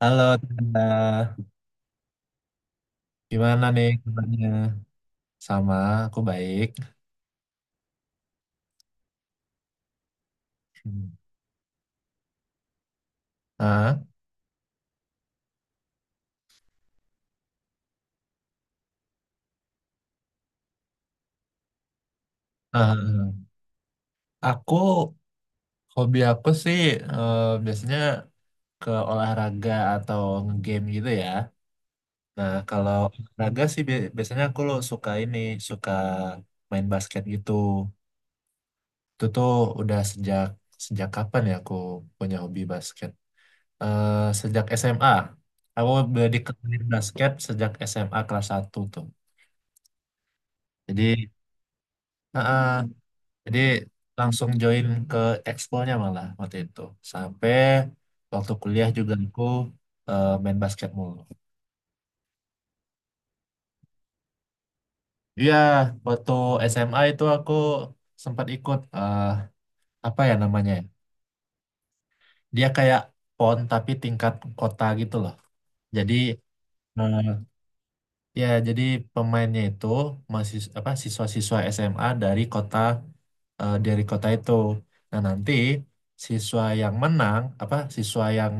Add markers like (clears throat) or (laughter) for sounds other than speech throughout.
Halo, Tanda. Gimana nih kabarnya? Sama, aku baik. Hmm. Ah, ah, ah. Aku, hobi aku sih biasanya ke olahraga atau nge-game gitu ya. Nah, kalau olahraga sih biasanya aku lo suka ini, suka main basket gitu. Itu tuh udah sejak sejak kapan ya aku punya hobi basket? Eh, Sejak SMA. Aku udah dikenalin basket sejak SMA kelas satu tuh. Jadi Heeh. Jadi langsung join ke eksponya malah waktu itu. Sampai waktu kuliah juga aku main basket mulu. Iya, waktu SMA itu aku sempat ikut apa ya namanya ya? Dia kayak PON tapi tingkat kota gitu loh. Jadi eh, Ya, jadi pemainnya itu masih apa siswa-siswa SMA dari kota itu. Nah, nanti siswa yang menang apa siswa yang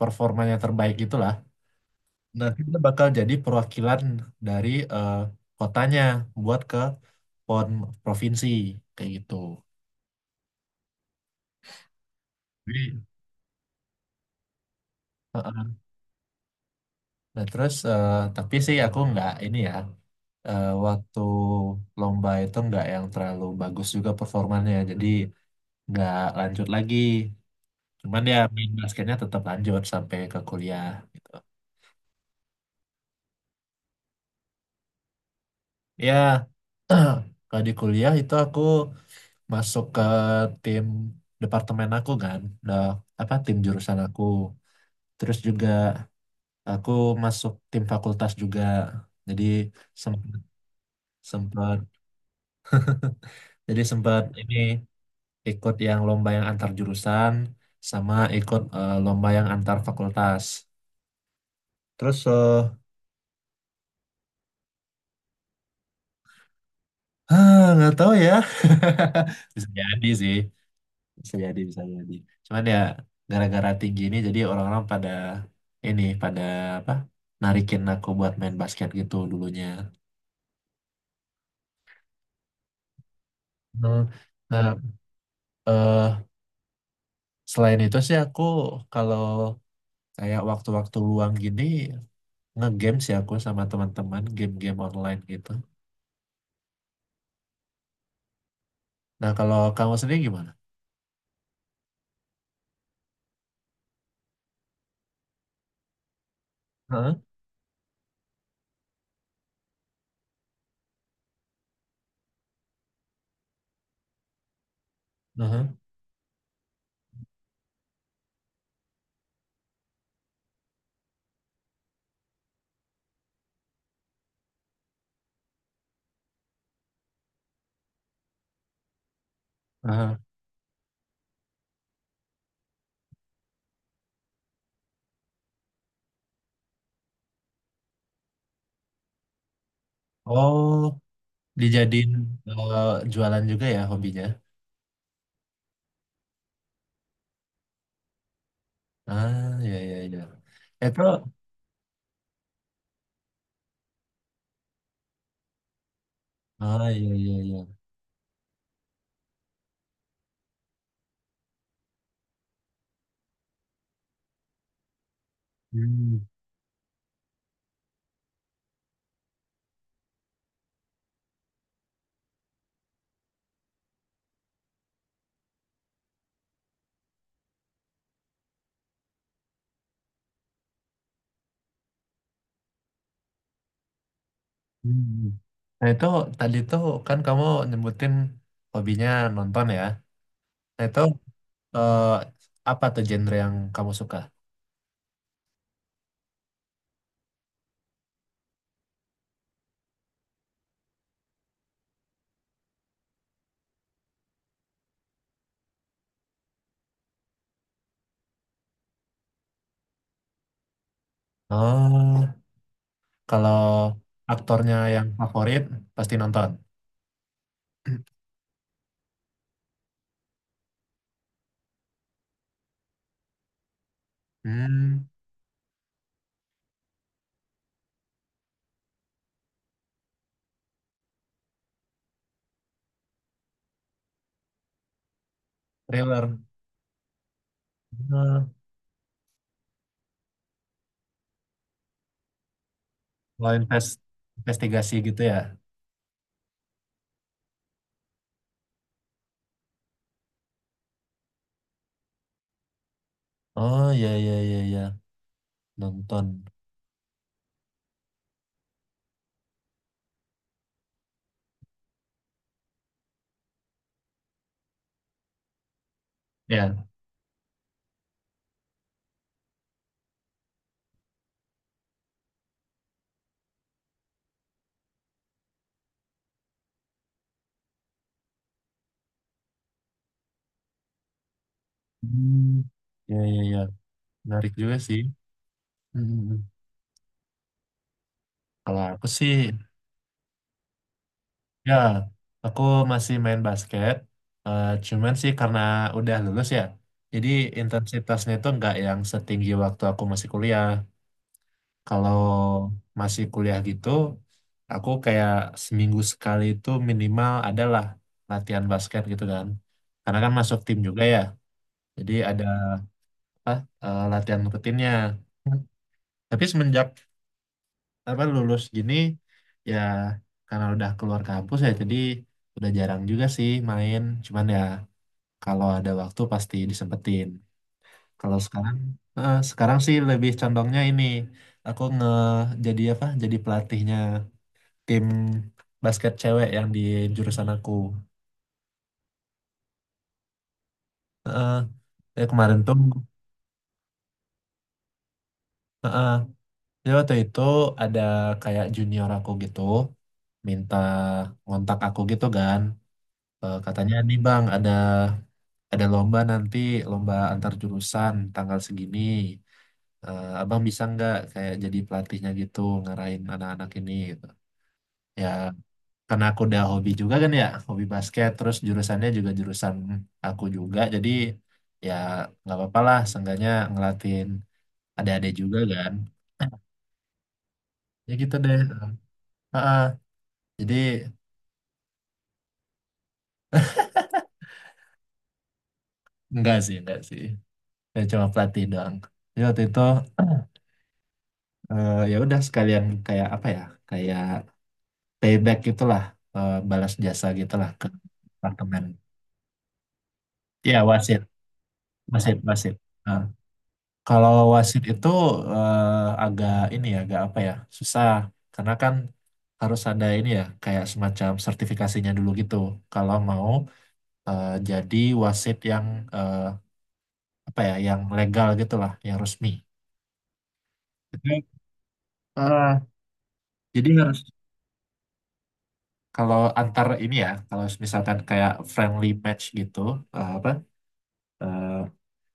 performanya terbaik itulah nanti dia bakal jadi perwakilan dari eh, kotanya buat ke PON provinsi kayak gitu. Jadi, heeh. Nah, terus tapi sih aku nggak ini ya waktu lomba itu nggak yang terlalu bagus juga performanya. Jadi nggak lanjut lagi. Cuman ya main basketnya tetap lanjut sampai ke kuliah gitu. Ya, (clears throat) kalau di kuliah itu aku masuk ke tim departemen aku kan, udah apa tim jurusan aku. Terus juga aku masuk tim fakultas juga. Jadi sempat sempat jadi sempat ini ikut yang lomba yang antar jurusan sama ikut lomba yang antar fakultas. Terus eh, Ah, nggak tahu ya. (laughs) Bisa jadi sih. Bisa jadi, bisa jadi. Cuman ya gara-gara tinggi ini jadi orang-orang pada ini pada apa? Narikin aku buat main basket gitu dulunya. Hmm. Nah, eh selain itu sih aku kalau kayak waktu-waktu luang gini nge-game sih aku sama teman-teman game-game online gitu. Nah, kalau kamu sendiri gimana? Heeh. Heeh. Heeh. Oh, dijadiin jualan juga ya hobinya? Ah, iya, iya, iya. Itu, ah, iya, iya, iya. Hmm, hmm, hmm. Nah, itu tadi tuh kan kamu nyebutin hobinya nonton ya. Nah, eh, apa tuh genre yang kamu suka? Oh, kalau aktornya yang favorit pasti nonton. (clears throat) Hmm, thriller. Hmm, kalau investigasi gitu ya. Oh, iya, iya, iya, iya. Nonton. Ya. Hmm, iya, iya, iya. Menarik juga sih. Hmm, kalau aku sih, ya, aku masih main basket. Cuman sih karena udah lulus ya, jadi intensitasnya itu nggak yang setinggi waktu aku masih kuliah. Kalau masih kuliah gitu, aku kayak seminggu sekali itu minimal adalah latihan basket gitu kan. Karena kan masuk tim juga ya, jadi ada apa latihan rutinnya. Tapi semenjak apa lulus gini ya karena udah keluar kampus ya jadi udah jarang juga sih main, cuman ya kalau ada waktu pasti disempetin. Kalau sekarang sekarang sih lebih condongnya ini, aku jadi apa jadi pelatihnya tim basket cewek yang di jurusan aku. Heeh, ya kemarin tuh, heeh, ya waktu itu ada kayak junior aku gitu minta ngontak aku gitu kan. Katanya nih, bang, ada lomba nanti, lomba antar jurusan tanggal segini. Abang bisa nggak kayak jadi pelatihnya gitu ngarahin anak-anak ini gitu ya. Karena aku udah hobi juga kan ya hobi basket terus jurusannya juga jurusan aku juga, jadi ya nggak apa-apa lah seenggaknya ngelatin adik-adik juga kan, ya gitu deh. Heeh. Jadi (laughs) enggak sih, enggak sih, ya, cuma pelatih doang. Jadi waktu itu ya udah sekalian kayak apa ya, kayak payback gitulah, balas jasa gitulah ke apartemen. Ya, wasit, wasit, wasit. Nah, kalau wasit itu agak ini ya, agak apa ya, susah karena kan harus ada ini ya, kayak semacam sertifikasinya dulu gitu. Kalau mau jadi wasit yang eh, apa ya, yang legal gitulah, yang resmi. Itu, eh, jadi harus kalau antar ini ya, kalau misalkan kayak friendly match gitu, eh, apa? eh,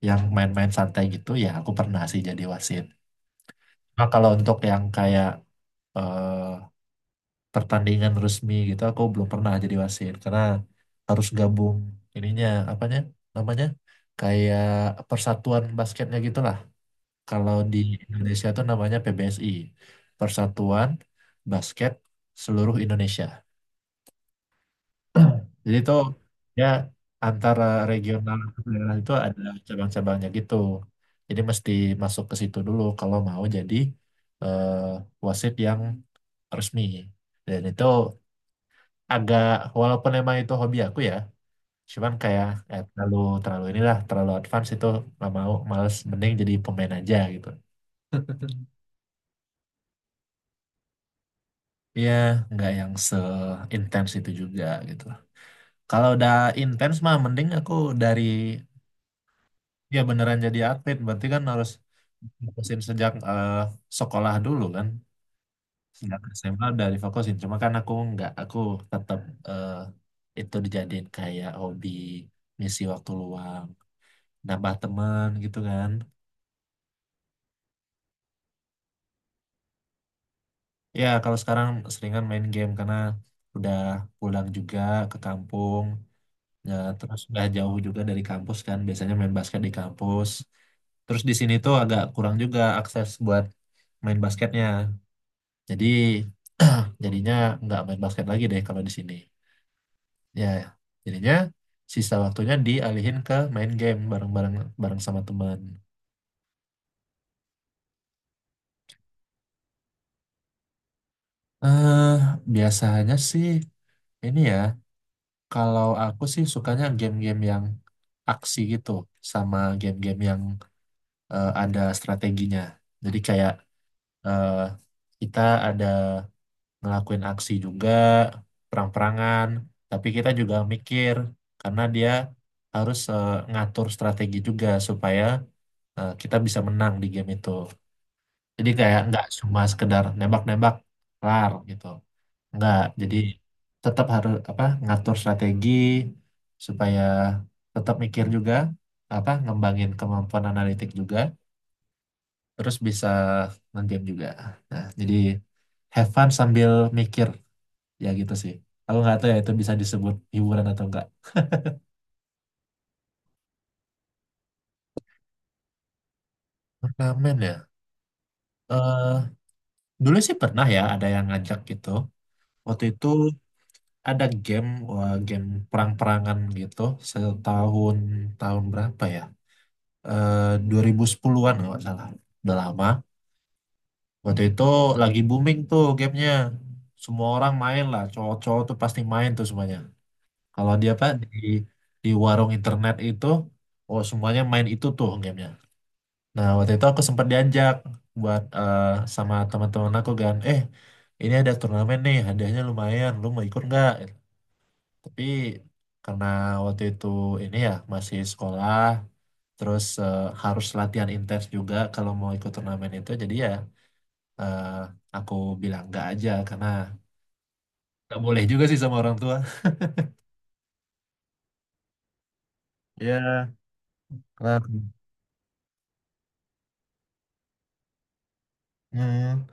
yang main-main santai gitu ya aku pernah sih jadi wasit. Nah, kalau untuk yang kayak eh, pertandingan resmi gitu aku belum pernah jadi wasit karena harus gabung ininya apanya namanya kayak persatuan basketnya gitulah. Kalau di Indonesia tuh namanya PBSI, Persatuan Basket Seluruh Indonesia. Jadi itu ya antara regional ke daerah itu ada cabang-cabangnya gitu. Jadi mesti masuk ke situ dulu kalau mau jadi eh, wasit yang resmi. Dan itu agak, walaupun emang itu hobi aku ya, cuman kayak terlalu terlalu inilah, terlalu advance itu nggak mau, males, mending jadi pemain aja gitu. Iya, nggak yang seintens itu juga gitu. Kalau udah intens mah mending aku dari ya beneran jadi atlet, berarti kan harus fokusin sejak sekolah dulu kan, sejak SMA udah difokusin, cuma kan aku nggak, aku tetap eh, itu dijadiin kayak hobi ngisi waktu luang nambah teman gitu kan. Ya kalau sekarang seringan main game karena udah pulang juga ke kampung ya, terus udah jauh juga dari kampus kan, biasanya main basket di kampus, terus di sini tuh agak kurang juga akses buat main basketnya, jadi jadinya nggak main basket lagi deh kalau di sini. Ya, jadinya sisa waktunya dialihin ke main game bareng-bareng sama teman. Eh, Biasanya sih ini ya, kalau aku sih sukanya game-game yang aksi gitu sama game-game yang ada strateginya. Jadi kayak eh, kita ada ngelakuin aksi juga, perang-perangan, tapi kita juga mikir karena dia harus ngatur strategi juga supaya kita bisa menang di game itu. Jadi kayak nggak cuma sekedar nembak-nembak kelar gitu. Nggak. Jadi tetap harus apa ngatur strategi supaya tetap mikir juga, apa ngembangin kemampuan analitik juga terus bisa nge-game juga. Nah, jadi have fun sambil mikir, ya gitu sih. Aku nggak tahu ya itu bisa disebut hiburan atau enggak. Turnamen ya. Eh, dulu sih pernah ya ada yang ngajak gitu. Waktu itu ada game, wah, game perang-perangan gitu, setahun tahun berapa ya, 2010-an kalau nggak salah, udah lama. Waktu itu lagi booming tuh gamenya, semua orang main lah, cowok-cowok tuh pasti main tuh semuanya, kalau dia apa di warung internet itu oh semuanya main itu tuh gamenya. Nah waktu itu aku sempat diajak buat eh, sama teman-teman aku kan, ini ada turnamen nih hadiahnya lumayan, lu mau ikut nggak. Tapi karena waktu itu ini ya masih sekolah, terus harus latihan intens juga kalau mau ikut turnamen itu. Jadi ya eh, aku bilang enggak aja karena nggak boleh juga sih sama orang tua. (laughs) Ya, nah, hmm,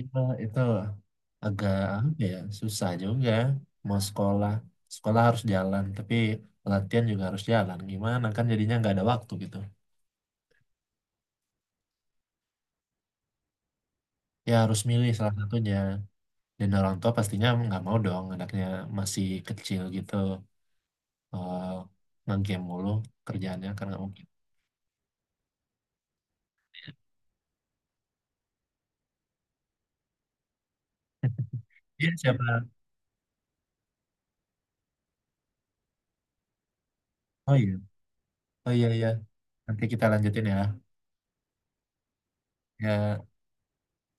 itu, itu agak apa ya susah juga mau sekolah. Sekolah harus jalan, tapi latihan juga harus jalan. Gimana kan jadinya nggak ada waktu gitu. Ya harus milih salah satunya. Dan orang tua pastinya nggak mau dong anaknya masih kecil gitu eh nge-game mulu kerjaannya kan nggak mungkin. Iya, siapa. Oh iya, oh iya, iya, nanti kita lanjutin ya, ya.